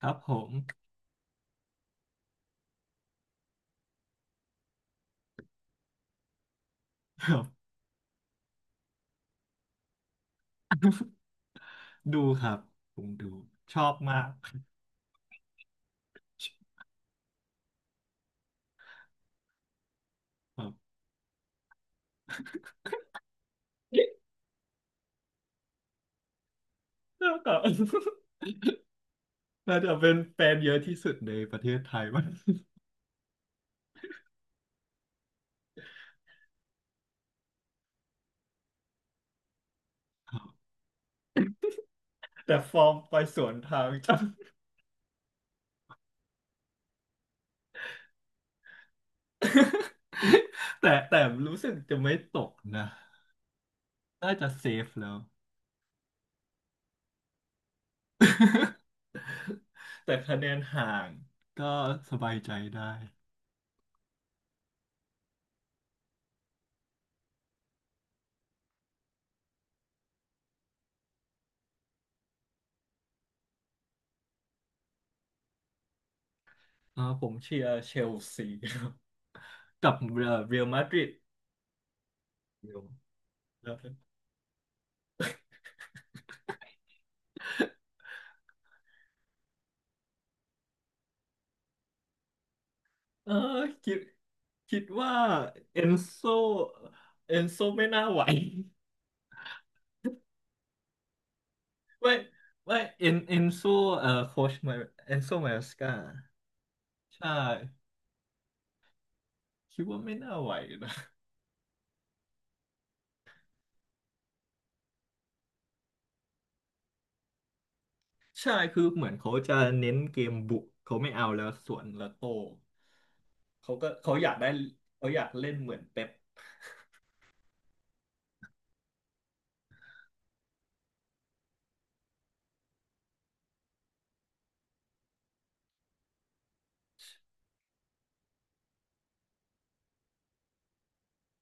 ครับผมครับ ดูครับผมดูชอบมากครับ แล้วก็น่าจะเป็นแฟนเยอะที่สุดในประเทศไทย มั้งครับแต่ฟอร์มไปสวนทางจัง แต่รู้สึกจะไม่ตกนะน่าจะเซฟแล้ว แต่คะแนนห่างก็สบายใจได้อ่าผมเชียร์เชลซี ครับกับเรอัลมาดริด เออคิด คิดว่าเอนโซเอนโซไม่น่าไหว ไม่ไม่เอนเอนโซโค้ชมาเอนโซมาสกาใช่คิดว่าไม่น่าไหวนะ ใช่คือเหมือนเขาจะเน้นเกมบุกเขาไม่เอาแล้วสวนแล้วโต้เขาอยากได้เขาอยากเล่นเหมือนเป๊ป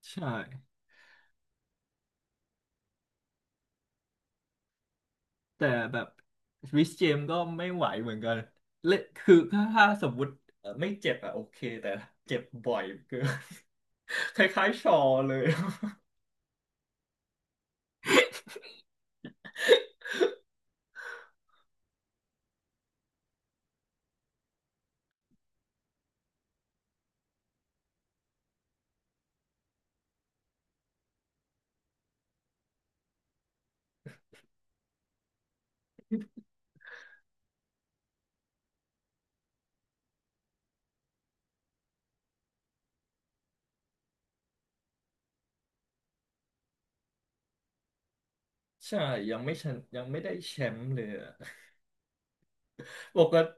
ใช่แต่แบบริสเจมก็ไม่ไหวเหมือนกันเล่นคือถ้าสมมติไม่เจ็บอะโอเคแต่เจ็บบ่อยเกิน คล้ายๆชอเลย ใช่ยังไม่ชนะยังไม่ได้แชมป์เลยอะปกติ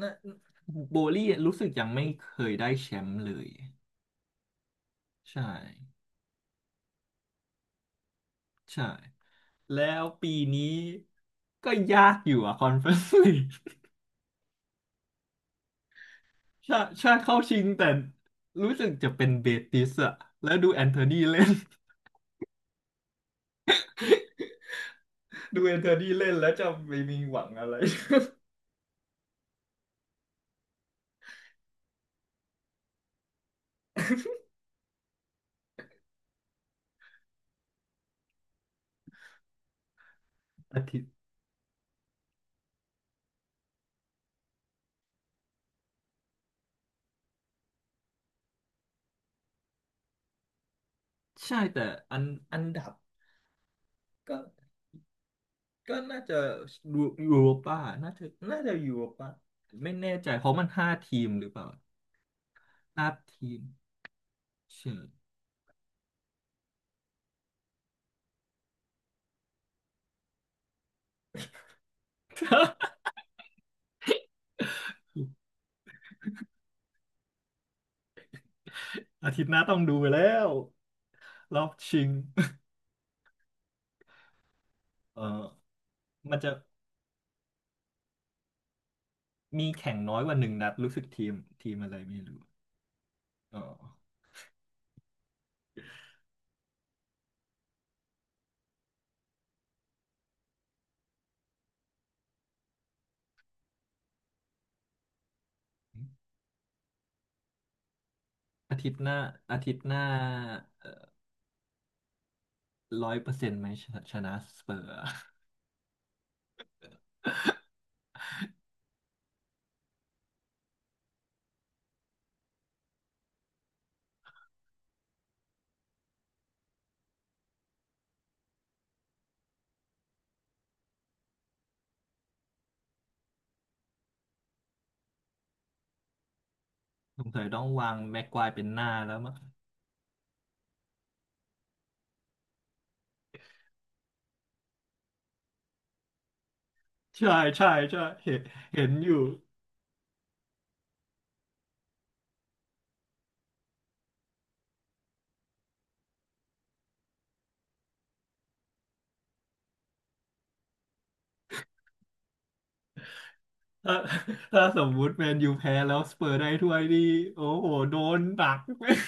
นะโบลี่รู้สึกยังไม่เคยได้แชมป์เลยใช่ใช่แล้วปีนี้ก็ยากอยู่อะคอนเฟอเรนซ์ลีกใช่ใช่เข้าชิงแต่รู้สึกจะเป็นเบติสอะแล้วดูแอนโทนีเล่น ดูแอนโทนีเล่นแล้วจะไม่มีหวังอะไร อาทิตย์ใช่แต่อันอันดับก็ ก็น่าจะยูยูโรป้าน่าจะน่าจะยูโรป้าไม่แน่ใจเพราะมันห้าทีมหรือเปล่าห้าทีมใช่ อาทิตย์หน้าต้องดูไปแล้วรอบชิง เออมันจะมีแข่งน้อยกว่าหนึ่งนัดรู้สึกทีมอะไรไม่รู้ออออาทิตย์หน้าอาทิตย์หน้าร้อยเปอร์เซ็นต์ไหมชนะสเปอร์อะ สงสัยต้องวางแม็กควายเป็นหน้าแล้วมั้งใช่ใช่ใช่เห็นเห็นอยู่ ถ้า ถ้าสมมุติแมนยูแพ้แล้วสเปอร์ได้ถ้วยนี่โอ้โหโดนหัก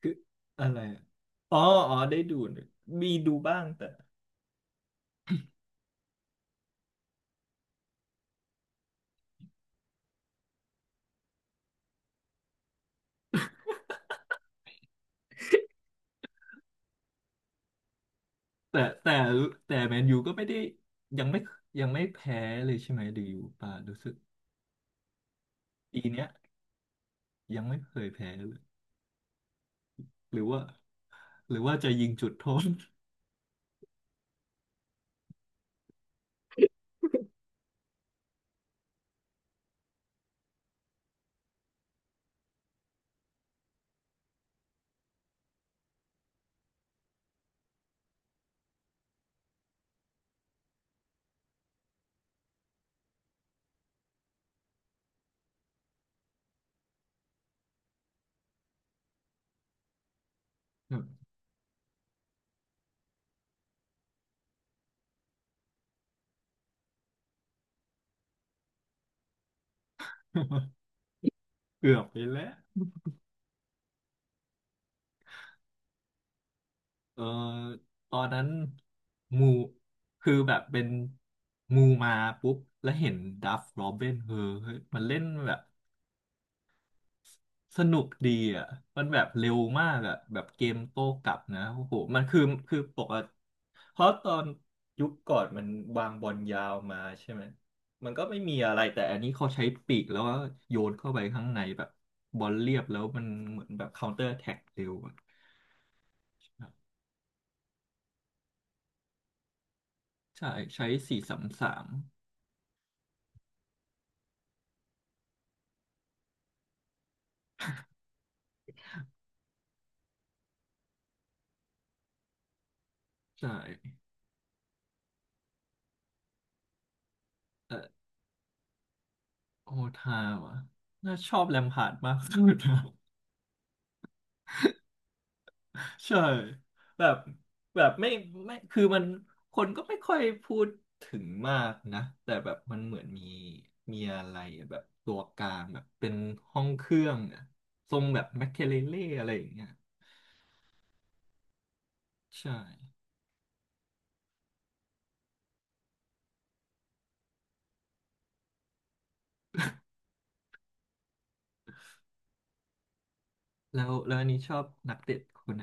คืออะไรอะอ๋ออ๋อได้ดูนะมีดูบ้างแต่แต่แต่แมนยูก็ไม่ได้ยังไม่ยังไม่แพ้เลยใช่ไหมดูอยู่ป่ะรู้สึกปีเนี้ยยังไม่เคยแพ้เลยหรือว่าหรือว่าจะยิงจุดโทษ เกือบไปแล้ว เออตอนนั้นมูคือแบบเป็นมูมาปุ๊บแล้วเห็นดัฟโรบินเออเฮ้ยมันเล่นแบบสนุกดีอ่ะมันแบบเร็วมากอ่ะแบบเกมโต้กลับนะโอ้โหมันคือคือปกติเพราะตอนยุคก่อนมันวางบอลยาวมาใช่ไหมมันก็ไม่มีอะไรแต่อันนี้เขาใช้ปีกแล้วก็โยนเข้าไปข้างในแบบบอลเรียบแล้วมันเหมือนแบบ c คา n t เตอร์แท็กเร็วอะใช่ใช้สี่สามสาม ใช่แต่โอทาว่ะน่าชอบแลมพาร์ดมากสุดนะ ใช่แบบแบบไม่ไม่คือมันคนก็ไม่ค่อยพูดถึงมากนะแต่แบบมันเหมือนมีอะไรอะแบบตัวกลางแบบเป็นห้องเครื่องอะทรงแบบแมคเคเลเล่อะไรอย่างเงี้ยใช่แล้วอันนี้ชอบนักเตะคนไหน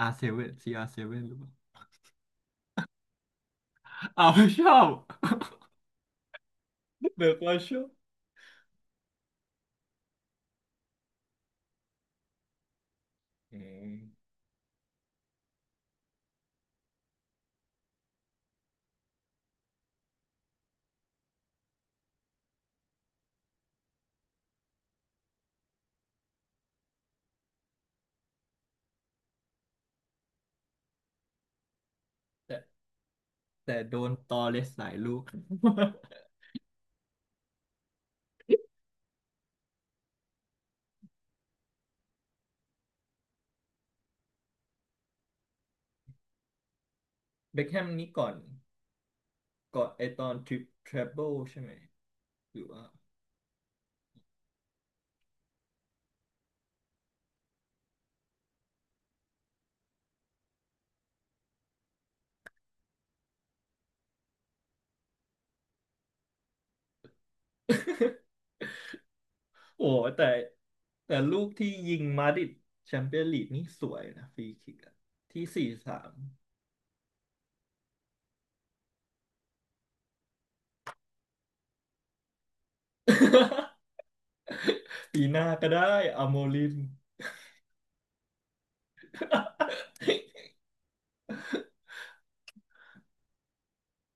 R7 ว r 7หรือเปล่าอ้าวไม่ชอบ เบิกว่าชอบอืม แต่โดนตอเลสหลายลูก เบ็คแฮมนี้ก่อนก่อนไอตอนทริปทรเบิลใช่ไหมหรือว่า โอ้แต่แต่ลูกที่ยิงมาดริดแชมเปี้ยนลีกนี่สวยนะฟรีคิกอะที่สี่สาม ปีหน้าก็ได้อาโมลิน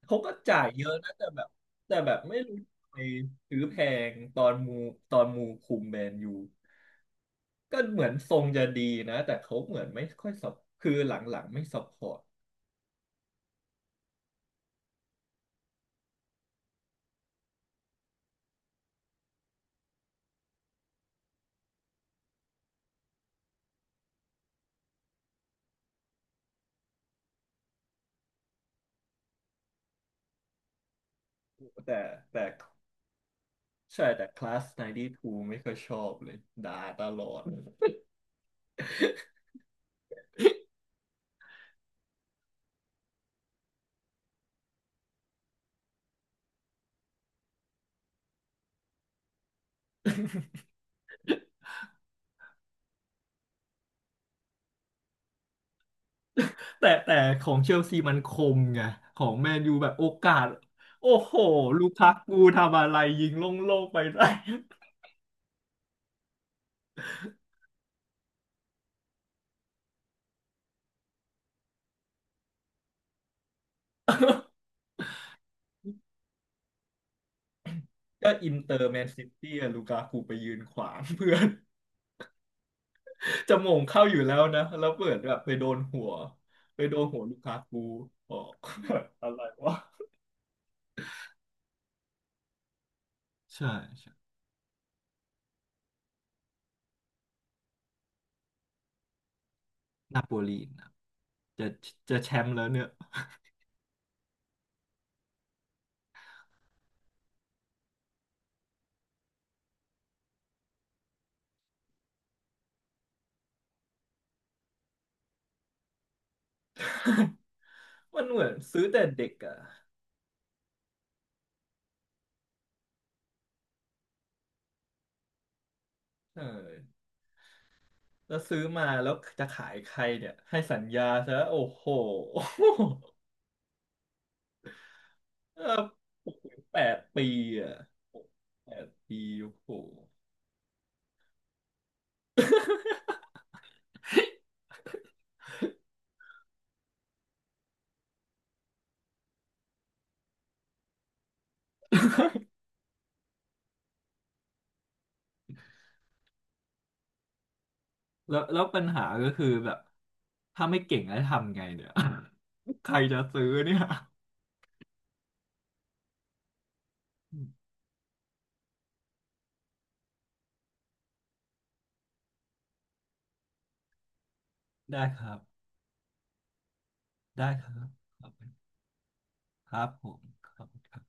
เขาก็จ่ายเยอะนะแต่แบบแต่แบบไม่รู้ทำไมซื้อแพงตอนมูคุมแมนยู ก็เหมือนทรงจะดีนะแต่เขาเหมือนไม่ค่อยสับคือหลังๆไม่ซัพพอร์ตแต่แต่ใช่แต่คลาส92ไม่ค่อยชอบเลยด่าตลอดแต่ของเชลซีมันคมไงของแมนยูแบบโอกาสโอ้โหลูคักกูทำอะไรยิงโล่งๆไปได้ ก็อินเตอร์แมนซิตี้อะลูกากูไปยืนขวาง เพื่อนจะโมงเข้าอยู่แล้วนะแล้วเปิดแบบไปโดนหัวไปโดนหัวลูกากูออก อะไรวะใช่ นาโปลีนะจะจะแชมป์แล้วเนี่ย มันเหมือนซื้อแต่เด็กอ่ะเออแล้วซื้อมาแล้วจะขายใครเนี่ยให้สัญญาซะโอ้โห เออแปดปีอ่ะแปดปีโอ้โห แล้วปัญหาก็คือแบบถ้าไม่เก่งแล้วทำไงเนี่ย ใครจะซื้อเนี่ยได้ครับได้ครับครับผมครับ